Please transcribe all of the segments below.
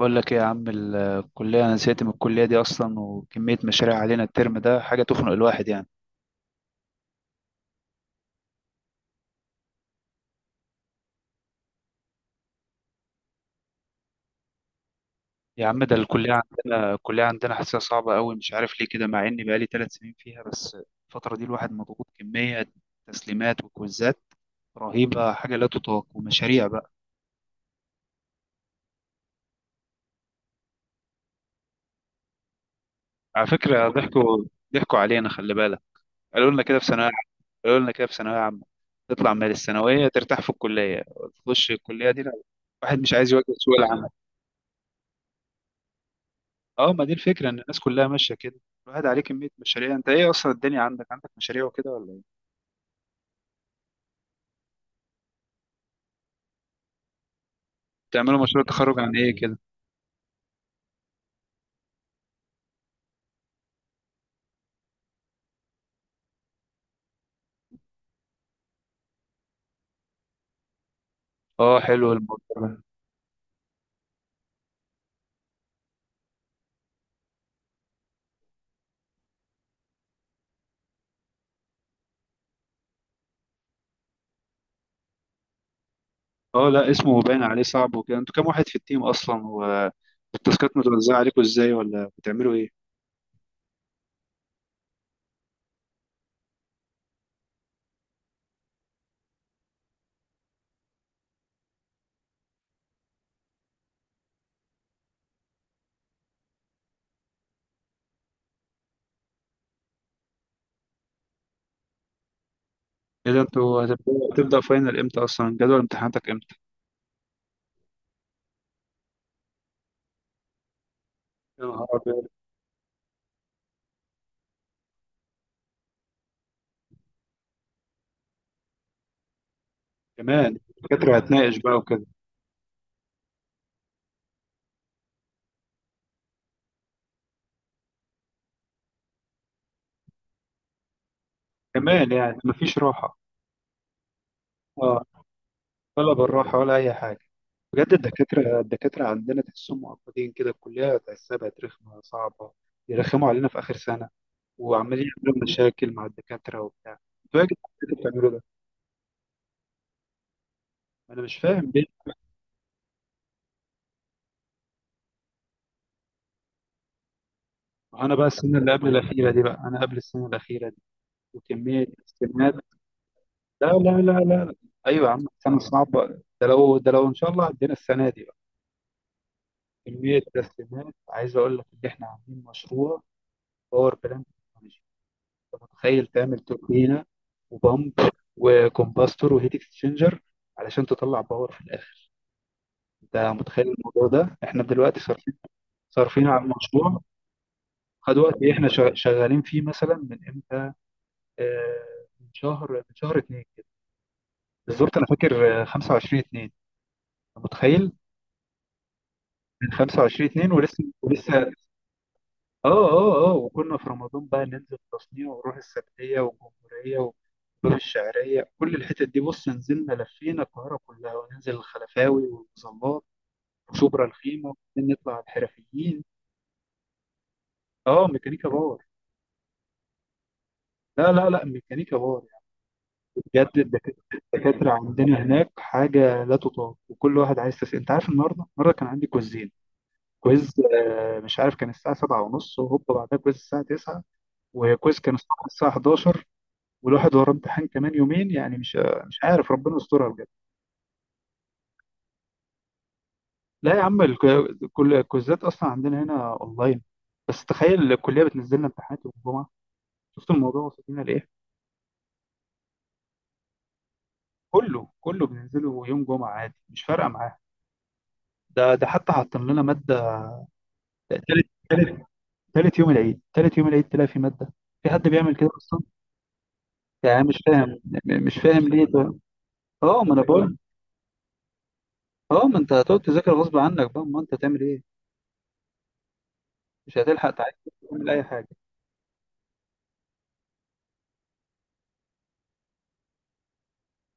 بقول لك ايه يا عم؟ الكلية انا زهقت من الكلية دي اصلا، وكمية مشاريع علينا الترم ده حاجة تخنق الواحد يعني. يا عم ده الكلية عندنا حاسسها صعبة قوي، مش عارف ليه كده، مع اني بقالي ثلاث سنين فيها بس. الفترة دي الواحد مضغوط كمية تسليمات وكويزات رهيبة، حاجة لا تطاق، ومشاريع بقى. على فكرة ضحكوا علينا، خلي بالك. قالوا لنا كده في ثانوية قالوا لنا كده في ثانوية عامة، تطلع من الثانوية ترتاح في الكلية. تخش الكلية دي، لا، واحد مش عايز يواجه سوق العمل. اه، ما دي الفكره ان الناس كلها ماشيه كده، الواحد عليه كميه مشاريع. انت ايه اصلا الدنيا عندك مشاريع وكده ولا ايه؟ بتعملوا مشروع تخرج عن ايه كده؟ اه حلو الموضوع ده. اه لا، اسمه باين عليه صعب وكده. انتوا كام واحد في التيم اصلا، والتاسكات متوزعه عليكم ازاي، ولا بتعملوا ايه؟ ايه ده، انتوا هتبدا فاينل امتى اصلا؟ جدول امتحاناتك امتى؟ يا نهار ابيض. كمان الدكاتره هتناقش بقى وكده. كمان يعني مفيش راحه. اه، ولا بالراحه ولا اي حاجه. بجد الدكاترة عندنا تحسهم معقدين كده. الكلية تحسها بقت رخمة صعبة، يرخموا علينا في آخر سنة وعمالين يعملوا مشاكل مع الدكاترة وبتاع. انتوا يا جدعان اللي بتعملوا ده، أنا مش فاهم ليه. أنا بقى السنة اللي قبل الأخيرة دي بقى، أنا قبل السنة الأخيرة دي وكمية استمات. لا لا لا لا لا. أيوة يا عم سنة صعبة. ده لو إن شاء الله عدينا السنة دي بقى، كمية تسليمات. عايز أقول لك إن إحنا عاملين مشروع باور بلانت. انت متخيل تعمل توربينه وبامب وكومباستور وهيت اكسشينجر علشان تطلع باور في الاخر؟ انت متخيل الموضوع ده؟ احنا دلوقتي صارفين على المشروع. خد وقت ايه، احنا شغالين فيه مثلا من امتى. آه من شهر اتنين كده، بالظبط انا فاكر، 25 2، انت متخيل؟ من 25 2 ولسه. اه وكنا في رمضان بقى، ننزل تصنيع ونروح السبتية والجمهورية والباب الشعرية، كل الحتت دي. بص، نزلنا لفينا القاهرة كلها، وننزل الخلفاوي والمظلات وشبرا الخيمة وبعدين نطلع على الحرفيين. اه ميكانيكا باور. لا لا لا، ميكانيكا باور يعني. بجد الدكاترة عندنا هناك حاجة لا تطاق. وكل واحد عايز تسأل. انت عارف النهاردة كان عندي كويزين، كويز مش عارف كان الساعة سبعة ونص، وهوبا بعدها كويز الساعة تسعة، وكويز كان الصبح الساعة 11. والواحد وراه امتحان كمان يومين يعني، مش عارف ربنا يسترها بجد. لا يا عم، كل الكوزات اصلا عندنا هنا اونلاين. بس تخيل الكليه بتنزل لنا امتحانات يوم الجمعه. شفت الموضوع وصل لنا لايه؟ كله بننزله يوم جمعه عادي، مش فارقه معاه. ده حتى حاطين لنا ماده تالت تالت تالت يوم العيد تلاقي في ماده. في حد بيعمل كده اصلا؟ يعني مش فاهم ليه ده. اه ما انا بقول. اه، ما انت هتقعد تذاكر غصب عنك بقى، ما انت تعمل ايه، مش هتلحق تعمل اي حاجه.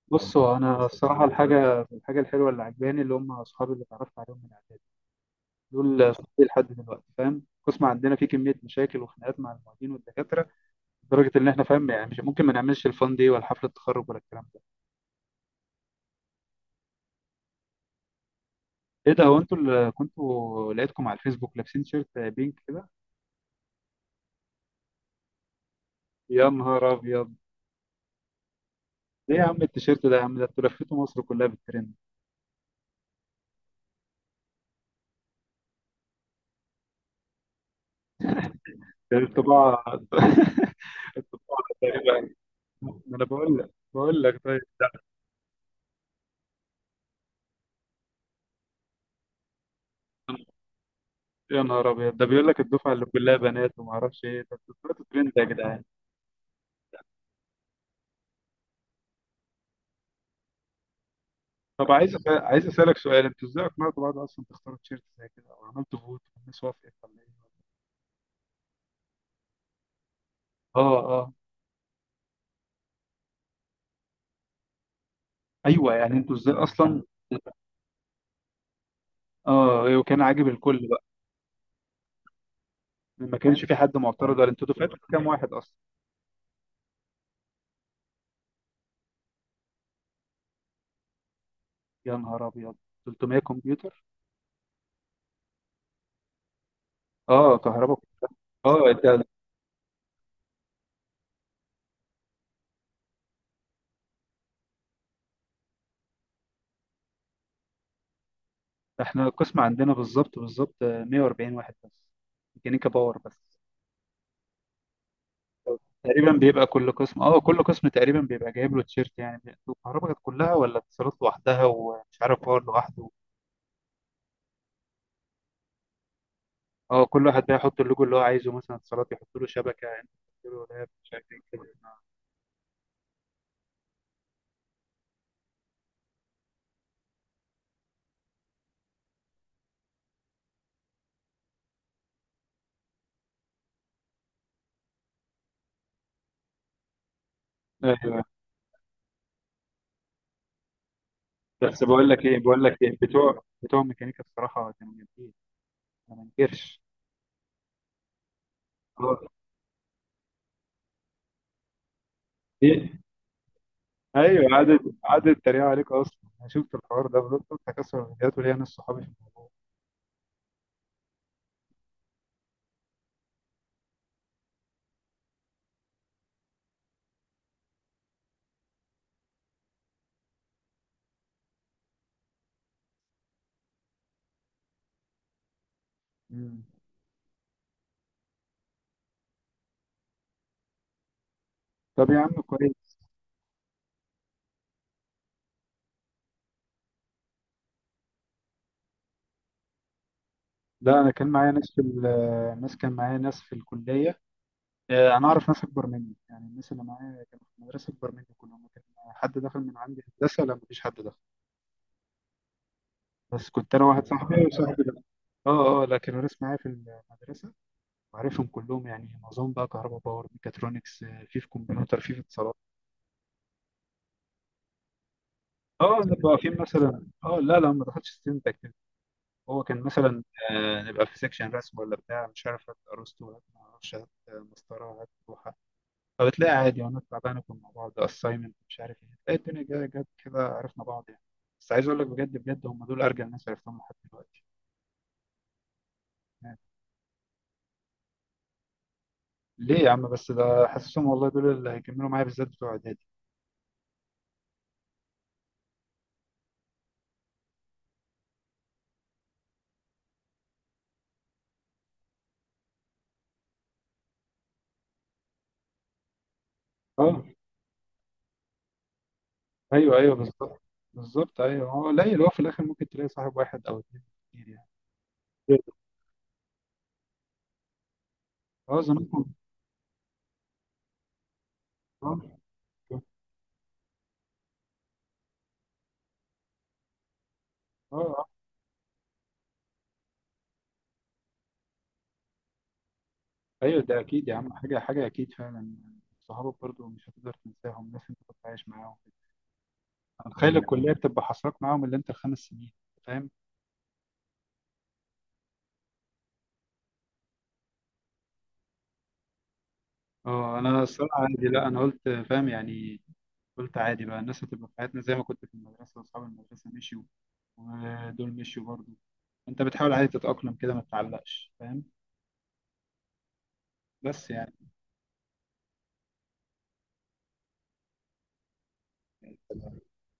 بص هو انا الصراحه الحاجه الحلوه اللي عجباني اللي هم اصحابي اللي اتعرفت عليهم من اعدادي، دول اصحابي لحد دلوقتي، فاهم. القسم عندنا فيه كميه مشاكل وخناقات مع المعيدين والدكاتره، لدرجه ان احنا فاهم يعني مش ممكن ما نعملش الفان دي ولا حفله التخرج ولا الكلام ده. ايه ده، هو انتوا اللي كنتوا لقيتكم على الفيسبوك لابسين تيشيرت بينك كده؟ يا نهار ابيض. ايه يا عم التيشيرت ده يا عم، ده انتوا لفيتوا مصر كلها بالترند. الطباعه الطباعه تقريبا. ما انا بقول لك طيب. يا نهار ابيض، ده بيقول لك الدفعه اللي كلها بنات وما اعرفش ايه، طب انتوا طلعتوا ترند يا جدعان. طب عايز اسالك سؤال، انتوا ازاي اقنعتوا بعض اصلا تختاروا تيشيرت زي كده، او عملتوا فوت والناس وافقت ولا ايه؟ اه اه. ايوه يعني انتوا ازاي اصلا. اه وكان عاجب الكل بقى؟ ما كانش في حد معترض؟ ولا انتوا دفعتوا كام واحد اصلا؟ يا نهار ابيض، 300 كمبيوتر؟ اه كهرباء. اه ده احنا القسم عندنا بالظبط، 140 واحد بس، ميكانيكا باور بس. تقريبا بيبقى كل قسم تقريبا بيبقى جايب له تيشيرت يعني. انتوا الكهرباء كانت كلها ولا اتصالات لوحدها ومش عارف باور لوحده؟ اه، كل واحد بقى يحط اللوجو اللي هو عايزه، مثلا اتصالات يحط له شبكه، انت تحط له لاب، مش عارف ايه كده. ايوه. بس بقول لك ايه، بتوع ميكانيكا بصراحه كانوا جامدين، ما منكرش. اه. ايه. ايوه، قعدت تريق عليك اصلا. انا شفت الحوار ده فضلت قلت هكسر الفيديوهات وليا ناس صحابي في الموضوع. مم. طب يا عم كويس. لا، انا كان معايا ناس في الكليه. انا اعرف ناس اكبر مني يعني، الناس اللي معايا كانوا في المدرسه اكبر مني كلهم. كان حد دخل من عندي هندسه؟ لا مفيش حد دخل. بس كنت انا واحد صاحبي، وصاحبي ده. اه اه. لكن الناس معايا في المدرسه وعارفهم كلهم يعني، معظمهم بقى كهرباء باور ميكاترونكس، في كمبيوتر، في اتصالات. اه نبقى واقفين مثلا. اه لا لا، ما دخلتش ستودنت اكتيفيتي. هو كان مثلا، نبقى في سيكشن رسم ولا بتاع، مش عارف، هات ارسطو هات، ما اعرفش، هات مسطره، هات لوحه. فبتلاقي عادي وانا تعبان، ناكل مع بعض assignment مش عارف ايه، تلاقي الدنيا جت كده، عرفنا بعض يعني. بس عايز اقول لك بجد بجد هم دول ارجل ناس عرفتهم لحد دلوقتي يعني. ليه يا عم بس، ده حاسسهم والله دول اللي هيكملوا معايا، بالذات بتوع اعدادي. اه. ايوه ايوه بالظبط. بالظبط ايوه. هو قليل، هو في الاخر ممكن تلاقي صاحب واحد او اتنين كتير يعني. اه زمانكم. اه اه آه. ايوه ده اكيد يا عم. حاجه حاجه اكيد فعلا. صحابك برضو مش هتقدر تنساهم، ناس انت كنت عايش معاهم. تخيل الكليه بتبقى حصرك معاهم اللي انت الخمس سنين، فاهم. اه انا الصراحه عادي، لا انا قلت فاهم يعني. قلت عادي بقى، الناس هتبقى في حياتنا زي ما كنت في المدرسه واصحاب المدرسه مشيوا، ودول مشيوا برضو. انت بتحاول عادي تتاقلم كده، ما تتعلقش، فاهم؟ بس يعني